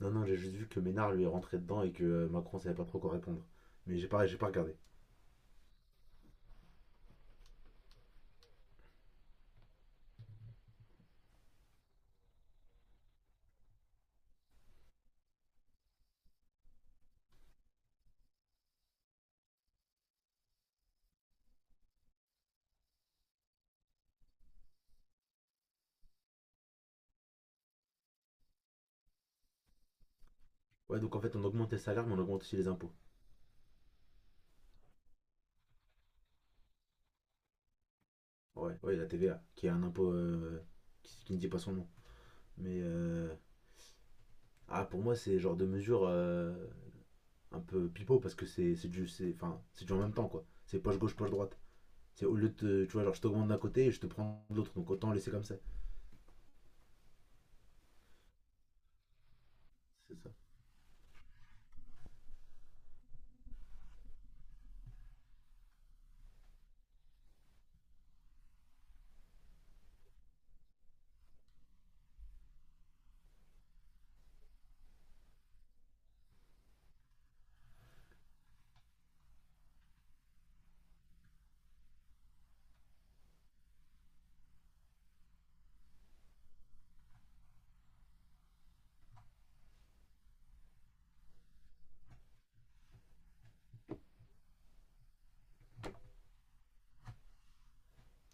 Non, non, j'ai juste vu que Ménard lui est rentré dedans et que Macron savait pas trop quoi répondre. Mais j'ai pas regardé. Ouais, donc en fait, on augmente les salaires, mais on augmente aussi les impôts. Ouais, ouais, la TVA, qui est un impôt qui ne dit pas son nom. Mais ah, pour moi, c'est genre de mesure un peu pipeau parce que c'est du, enfin, c'est du en même temps, quoi. C'est poche gauche, poche droite. C'est au lieu de, tu vois, genre je t'augmente d'un côté et je te prends de l'autre, donc autant laisser comme ça. C'est ça.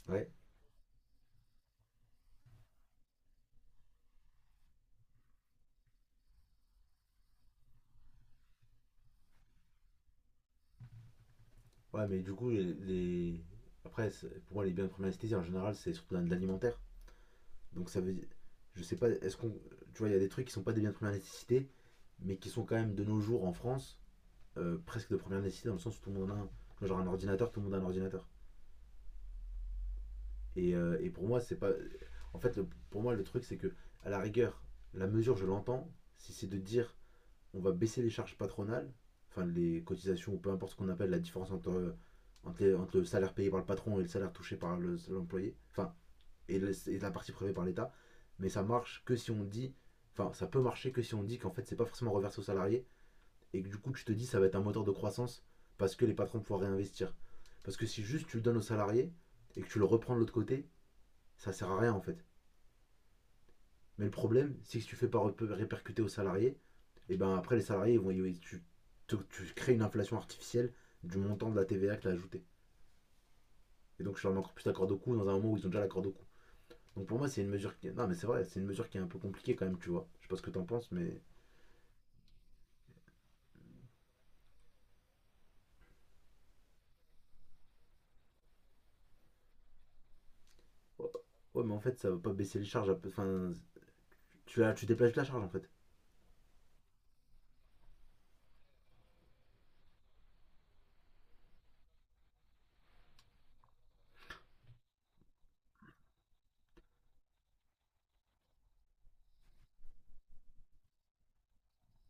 Ouais, ouais, mais du coup, après, pour moi, les biens de première nécessité, en général, c'est surtout dans de l'alimentaire. Donc ça veut dire, je sais pas, est-ce qu'on, tu vois, il y a des trucs qui sont pas des biens de première nécessité, mais qui sont quand même de nos jours en France presque de première nécessité dans le sens où tout le monde en a un. Genre un ordinateur, tout le monde a un ordinateur. Et pour moi, c'est pas. En fait, pour moi, le truc, c'est que, à la rigueur, la mesure, je l'entends, si c'est de dire on va baisser les charges patronales, enfin les cotisations ou peu importe ce qu'on appelle la différence entre, entre le salaire payé par le patron et le salaire touché par l'employé, enfin et la partie prélevée par l'État. Mais ça marche que si on dit, enfin, ça peut marcher que si on dit qu'en fait, c'est pas forcément reversé aux salariés et que du coup, tu te dis, ça va être un moteur de croissance parce que les patrons pourront réinvestir. Parce que si juste tu le donnes aux salariés et que tu le reprends de l'autre côté, ça sert à rien en fait. Mais le problème, c'est que si tu fais pas répercuter aux salariés, et ben après les salariés ils vont, tu, tu crées une inflation artificielle du montant de la TVA que tu as ajouté. Et donc je suis encore plus d'accord de coût dans un moment où ils ont déjà l'accord de coût. Donc pour moi, c'est une mesure qui... Non, mais c'est vrai, c'est une mesure qui est un peu compliquée quand même, tu vois. Je sais pas ce que t'en penses, mais... Ouais, mais en fait, ça va pas baisser les charges. Enfin, tu déplaces la charge, en fait.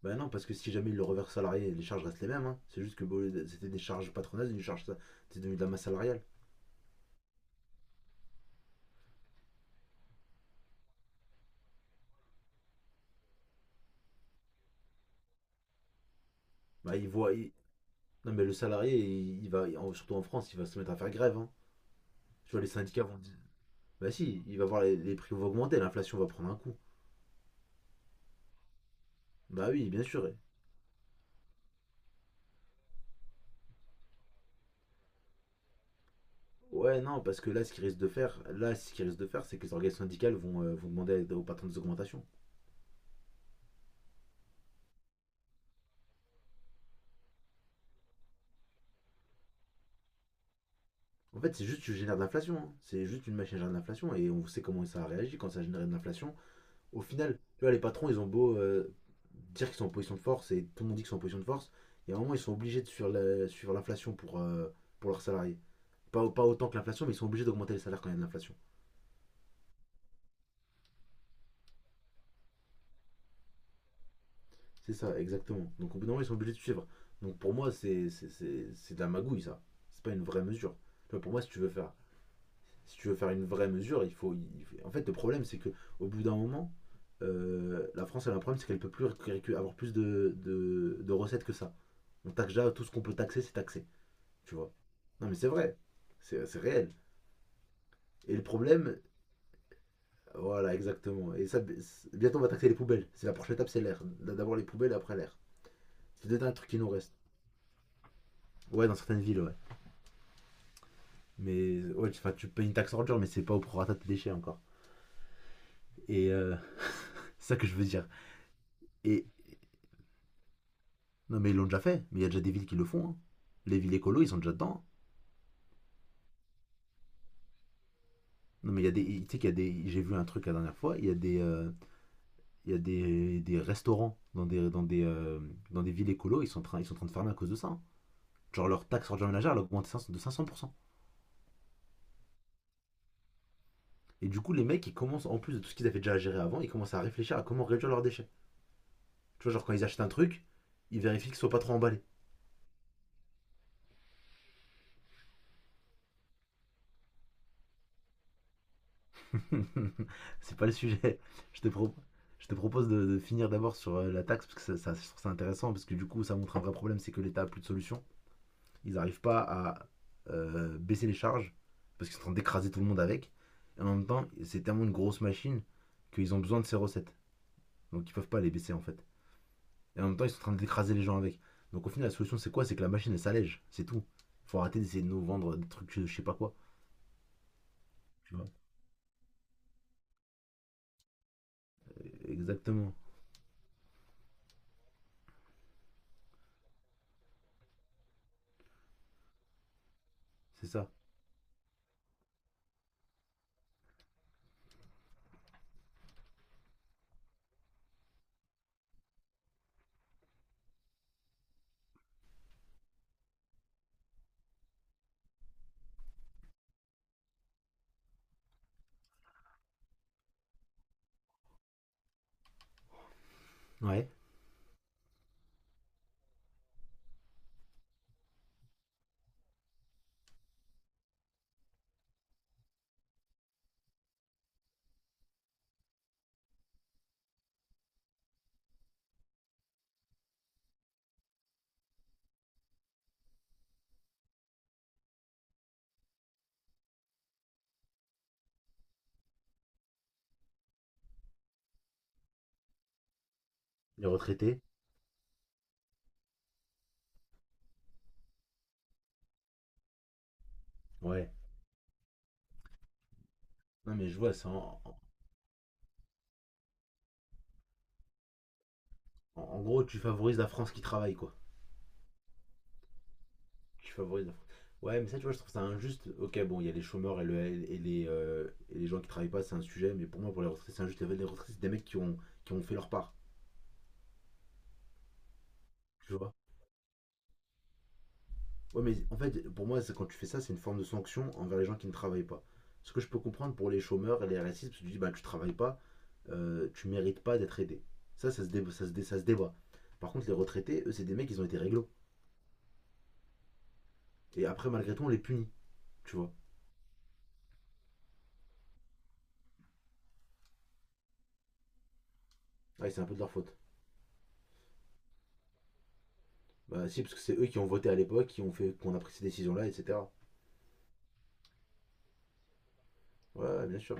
Bah non, parce que si jamais il le reverse salarié, les charges restent les mêmes. Hein. C'est juste que bon, c'était des charges patronales, une charge... C'est devenu de la masse salariale. Bah, il voit... il- Non, mais le salarié, il va... Surtout en France, il va se mettre à faire grève. Hein. Tu vois, les syndicats vont dire... Bah si, il va voir les prix vont augmenter, l'inflation va prendre un coup. Bah oui, bien sûr. Ouais, non, parce que là, ce qu'ils risquent de faire, là, ce qu'ils risquent de faire, c'est que les organisations syndicales vont demander aux patrons des augmentations. En fait, c'est juste tu génères de l'inflation. Hein. C'est juste une machine à générer de l'inflation et on sait comment ça a réagi quand ça a généré de l'inflation. Au final, tu vois, les patrons, ils ont beau dire qu'ils sont en position de force et tout le monde dit qu'ils sont en position de force, il y a un moment, ils sont obligés de suivre l'inflation pour leurs salariés. Pas, pas autant que l'inflation, mais ils sont obligés d'augmenter les salaires quand il y a de l'inflation. C'est ça, exactement. Donc au bout d'un moment, ils sont obligés de suivre. Donc pour moi, c'est de la magouille, ça. C'est pas une vraie mesure. Tu vois, pour moi, si tu veux faire une vraie mesure, il faut. En fait, le problème, c'est que au bout d'un moment, la France, elle a un problème, c'est qu'elle ne peut plus avoir plus de, de recettes que ça. On taxe déjà tout ce qu'on peut taxer, c'est taxé, tu vois. Non, mais c'est vrai, c'est réel. Et le problème, voilà, exactement. Et ça, bientôt, on va taxer les poubelles. C'est la prochaine étape, c'est l'air. D'abord les poubelles, après l'air. C'est peut-être un truc qui nous reste. Ouais, dans certaines villes, ouais. Mais ouais, enfin, tu payes une taxe ordure, mais c'est pas au prorata de tes déchets encore. Et c'est ça que je veux dire. Et Non, mais ils l'ont déjà fait. Mais il y a déjà des villes qui le font. Hein. Les villes écolo, ils sont déjà dedans. Non, mais il y a des. J'ai vu un truc la dernière fois. Il y a des restaurants dans des villes écolo. Ils sont en train de fermer à cause de ça. Hein. Genre leur taxe sur le ménagère, elle a augmenté 500 de 500%. Et du coup, les mecs, ils commencent, en plus de tout ce qu'ils avaient déjà à gérer avant, ils commencent à réfléchir à comment réduire leurs déchets. Tu vois, genre quand ils achètent un truc, ils vérifient qu'il soit pas trop emballé. C'est pas le sujet. Je te, pro- je te propose de, finir d'abord sur la taxe, parce que ça, je trouve ça intéressant, parce que du coup, ça montre un vrai problème, c'est que l'État a plus de solution. Ils n'arrivent pas à baisser les charges, parce qu'ils sont en train d'écraser tout le monde avec. Et en même temps, c'est tellement une grosse machine qu'ils ont besoin de ces recettes. Donc ils peuvent pas les baisser, en fait. Et en même temps, ils sont en train d'écraser les gens avec. Donc au final, la solution, c'est quoi? C'est que la machine, elle s'allège. C'est tout. Il faut arrêter d'essayer de nous vendre des trucs, je sais pas quoi. Tu vois. Exactement. C'est ça. Ouais. Les retraités. Ouais. Non, mais je vois, c'est en gros, tu favorises la France qui travaille, quoi. Tu favorises la France. Ouais, mais ça, tu vois, je trouve ça injuste. Ok, bon, il y a les chômeurs et et les gens qui travaillent pas, c'est un sujet, mais pour moi, pour les retraités, c'est injuste. Les retraités, c'est des mecs qui ont fait leur part, tu vois. Ouais, mais en fait, pour moi, c'est quand tu fais ça, c'est une forme de sanction envers les gens qui ne travaillent pas. Ce que je peux comprendre pour les chômeurs et les RSI, parce que tu dis, bah, tu travailles pas, tu mérites pas d'être aidé. Ça se débat. Par contre, les retraités, eux, c'est des mecs, ils ont été réglo. Et après, malgré tout, on les punit, tu vois. Ouais, c'est un peu de leur faute. Bah si, parce que c'est eux qui ont voté à l'époque, qui ont fait qu'on a pris ces décisions-là, etc. Ouais, bien sûr.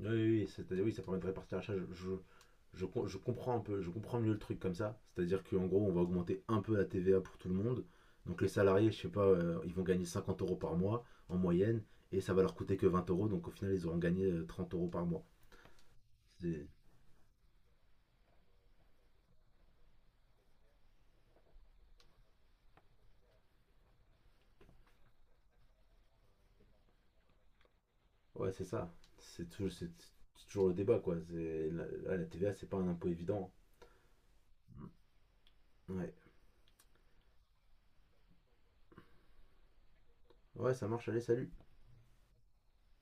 Oui, oui, oui, c'est-à-dire oui, ça permet de répartir l'achat. Je comprends un peu, je comprends mieux le truc comme ça. C'est-à-dire qu'en gros, on va augmenter un peu la TVA pour tout le monde. Donc les salariés, je sais pas, ils vont gagner 50 € par mois en moyenne, et ça va leur coûter que 20 euros. Donc au final, ils auront gagné 30 € par mois. C'est- Ouais, c'est ça. C'est toujours le débat, quoi. La TVA, c'est pas un impôt évident. Ouais, ouais, ça marche. Allez, salut.